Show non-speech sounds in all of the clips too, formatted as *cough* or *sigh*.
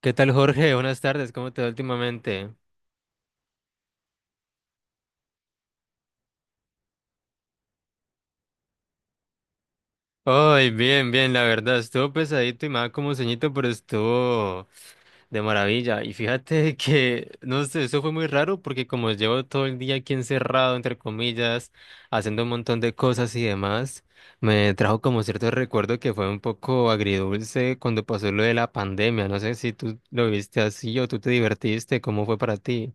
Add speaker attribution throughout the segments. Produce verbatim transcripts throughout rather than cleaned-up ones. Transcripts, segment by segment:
Speaker 1: ¿Qué tal, Jorge? Buenas tardes, ¿cómo te va últimamente? Ay, bien, bien, la verdad, estuvo pesadito y me daba como sueñito, pero estuvo de maravilla. Y fíjate *laughs* que, no sé, eso fue muy raro porque como llevo todo el día aquí encerrado, entre comillas, haciendo un montón de cosas y demás, me trajo como cierto recuerdo que fue un poco agridulce cuando pasó lo de la pandemia. No sé si tú lo viste así o tú te divertiste, ¿cómo fue para ti?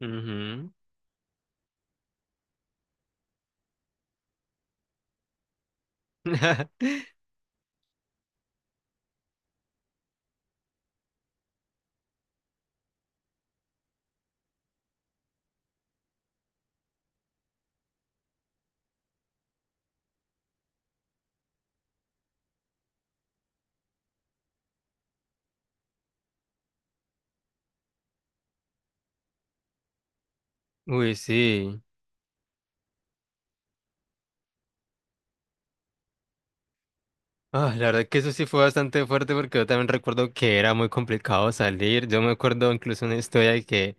Speaker 1: Ujú. *laughs* Uy, sí. Ah, la verdad que eso sí fue bastante fuerte porque yo también recuerdo que era muy complicado salir. Yo me acuerdo incluso una historia de que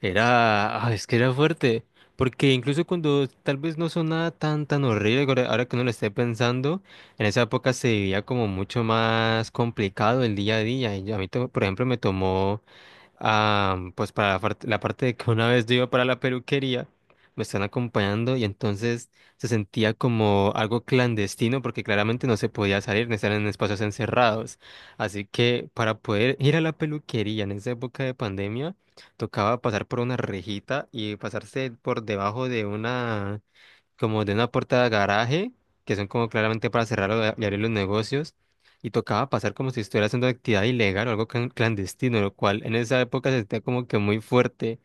Speaker 1: era, ah, es que era fuerte, porque incluso cuando tal vez no sonaba tan tan horrible, ahora ahora que uno lo esté pensando, en esa época se vivía como mucho más complicado el día a día. Y a mí, to- por ejemplo, me tomó ah, pues para la parte, la parte de que una vez yo iba para la peluquería, me están acompañando y entonces se sentía como algo clandestino porque claramente no se podía salir, no estar en espacios encerrados. Así que para poder ir a la peluquería en esa época de pandemia, tocaba pasar por una rejita y pasarse por debajo de una como de una puerta de garaje, que son como claramente para cerrar o a- y abrir los negocios, y tocaba pasar como si estuviera haciendo actividad ilegal o algo clan- clandestino, lo cual en esa época se sentía como que muy fuerte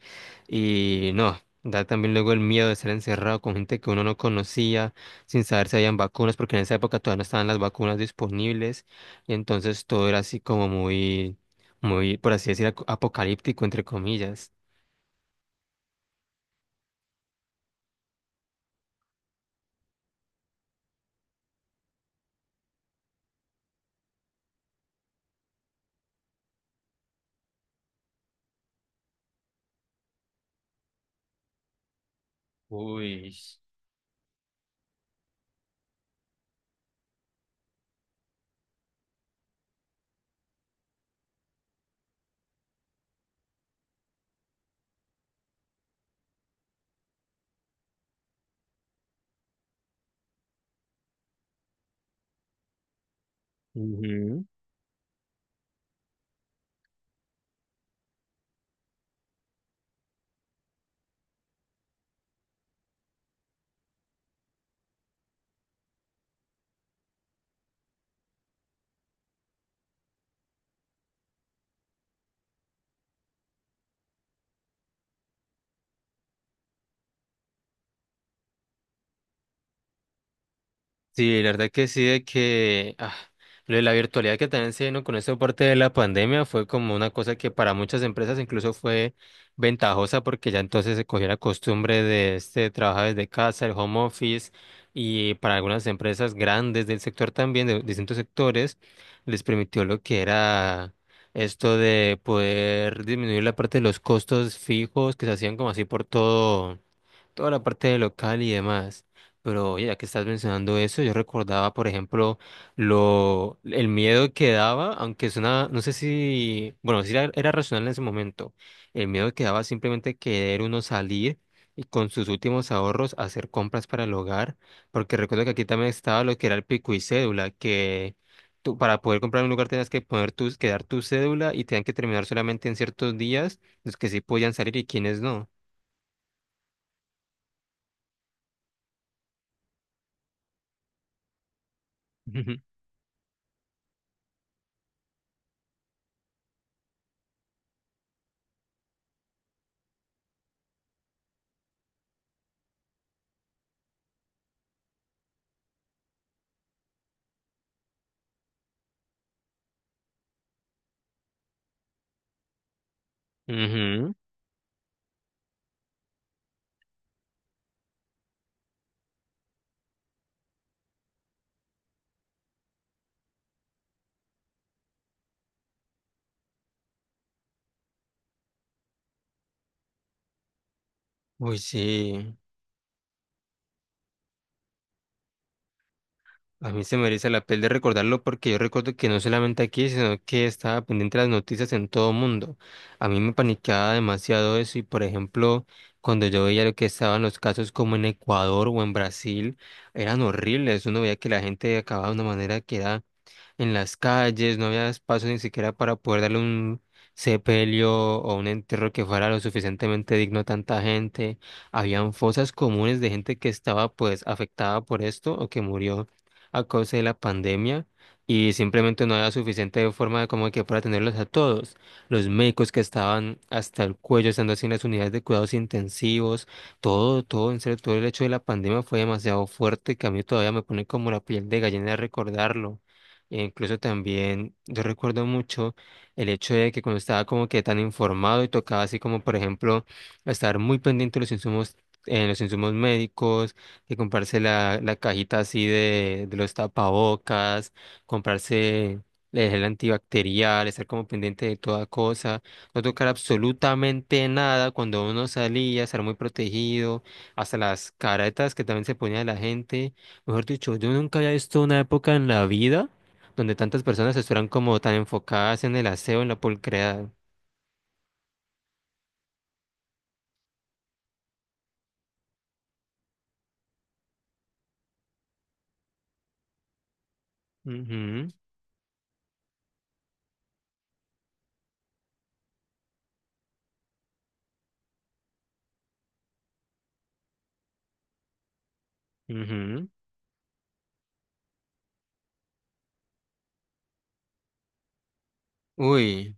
Speaker 1: y no. Da también luego el miedo de ser encerrado con gente que uno no conocía, sin saber si habían vacunas, porque en esa época todavía no estaban las vacunas disponibles, y entonces todo era así como muy, muy, por así decir, aco- apocalíptico, entre comillas. Uy. Sí, la verdad que sí, de que ah, lo de la virtualidad que también se vino con esta parte de la pandemia fue como una cosa que para muchas empresas incluso fue ventajosa porque ya entonces se cogió la costumbre de este trabajar desde casa, el home office, y para algunas empresas grandes del sector también, de distintos sectores, les permitió lo que era esto de poder disminuir la parte de los costos fijos que se hacían como así por todo toda la parte de local y demás. Pero ya que estás mencionando eso, yo recordaba, por ejemplo, lo, el miedo que daba, aunque es una no sé si, bueno, si era, era racional en ese momento, el miedo que daba simplemente querer uno salir y con sus últimos ahorros hacer compras para el hogar, porque recuerdo que aquí también estaba lo que era el pico y cédula, que tú, para poder comprar un lugar tenías que poner tus, que dar tu cédula y tenían que terminar solamente en ciertos días los que sí podían salir y quienes no. *laughs* Ujú. Ujú. Uy, sí, a mí se me eriza la piel de recordarlo porque yo recuerdo que no solamente aquí, sino que estaba pendiente de las noticias en todo mundo. A mí me paniqueaba demasiado eso y, por ejemplo, cuando yo veía lo que estaban los casos como en Ecuador o en Brasil, eran horribles. Uno veía que la gente acababa de una manera que era en las calles, no había espacio ni siquiera para poder darle un sepelio o un entierro que fuera lo suficientemente digno a tanta gente. Habían fosas comunes de gente que estaba pues afectada por esto o que murió a causa de la pandemia y simplemente no había suficiente forma de como que para atenderlos a todos. Los médicos que estaban hasta el cuello, estando así en las unidades de cuidados intensivos, todo, todo, en serio, todo el hecho de la pandemia fue demasiado fuerte que a mí todavía me pone como la piel de gallina de recordarlo. E incluso también yo recuerdo mucho el hecho de que cuando estaba como que tan informado y tocaba así como por ejemplo estar muy pendiente de los insumos, en los insumos médicos, que comprarse la, la cajita así de, de los tapabocas, comprarse el gel antibacterial, estar como pendiente de toda cosa, no tocar absolutamente nada cuando uno salía, estar muy protegido, hasta las caretas que también se ponía la gente. Mejor dicho, yo nunca había visto una época en la vida donde tantas personas estuvieran como tan enfocadas en el aseo, en la pulcredad. Ujú, ujú. Uy,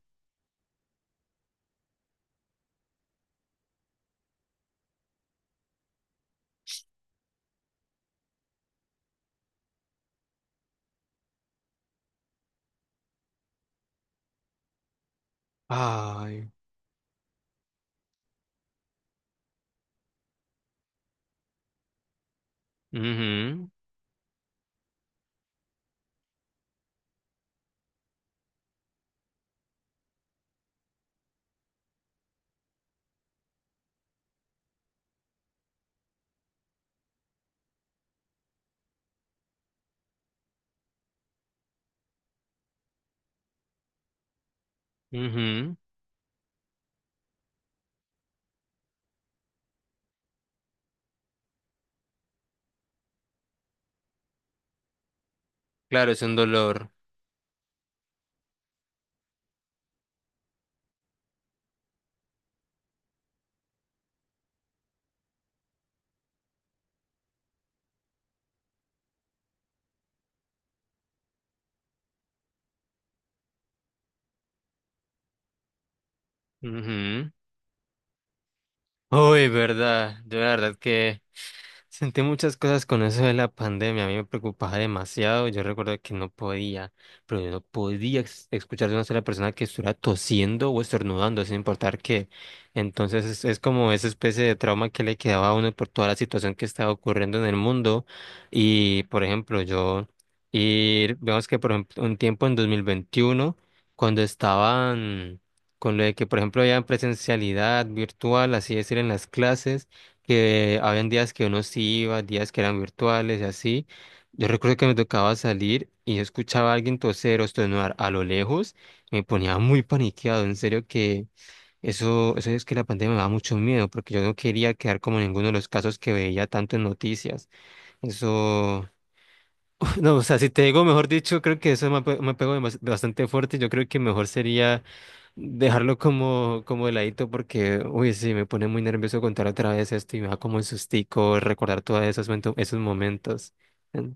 Speaker 1: ay, ujú, ujú. Claro, es un dolor. Ujú. Uy, verdad. Yo la verdad que sentí muchas cosas con eso de la pandemia. A mí me preocupaba demasiado. Yo recuerdo que no podía, pero yo no podía ex- escuchar de una sola persona que estuviera tosiendo o estornudando, sin importar qué. Entonces es, es como esa especie de trauma que le quedaba a uno por toda la situación que estaba ocurriendo en el mundo. Y, por ejemplo, yo, y vemos que, por ejemplo, un tiempo en dos mil veintiuno cuando estaban con lo de que, por ejemplo, había presencialidad virtual, así decir, en las clases, que habían días que uno sí iba, días que eran virtuales y así. Yo recuerdo que me tocaba salir y yo escuchaba a alguien toser o estornudar a lo lejos, me ponía muy paniqueado, en serio que eso, eso es que la pandemia me da mucho miedo, porque yo no quería quedar como en ninguno de los casos que veía tanto en noticias. Eso, no, o sea, si te digo, mejor dicho, creo que eso me, pe- me pegó demas- bastante fuerte. Yo creo que mejor sería dejarlo como, como de ladito porque, uy, sí, me pone muy nervioso contar otra vez esto y me da como un sustico recordar todos esos, momento- esos momentos. Mm.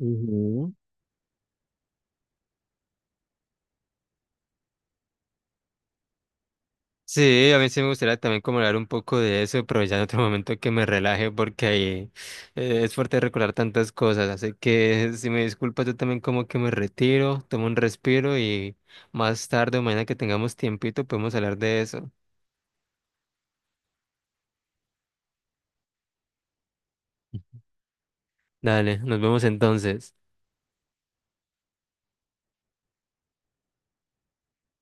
Speaker 1: Ujú. Sí, a mí sí me gustaría también como hablar un poco de eso, pero ya en otro momento que me relaje porque ahí eh, es fuerte recordar tantas cosas, así que si me disculpas yo también como que me retiro, tomo un respiro y más tarde o mañana que tengamos tiempito podemos hablar de eso. Dale, nos vemos entonces.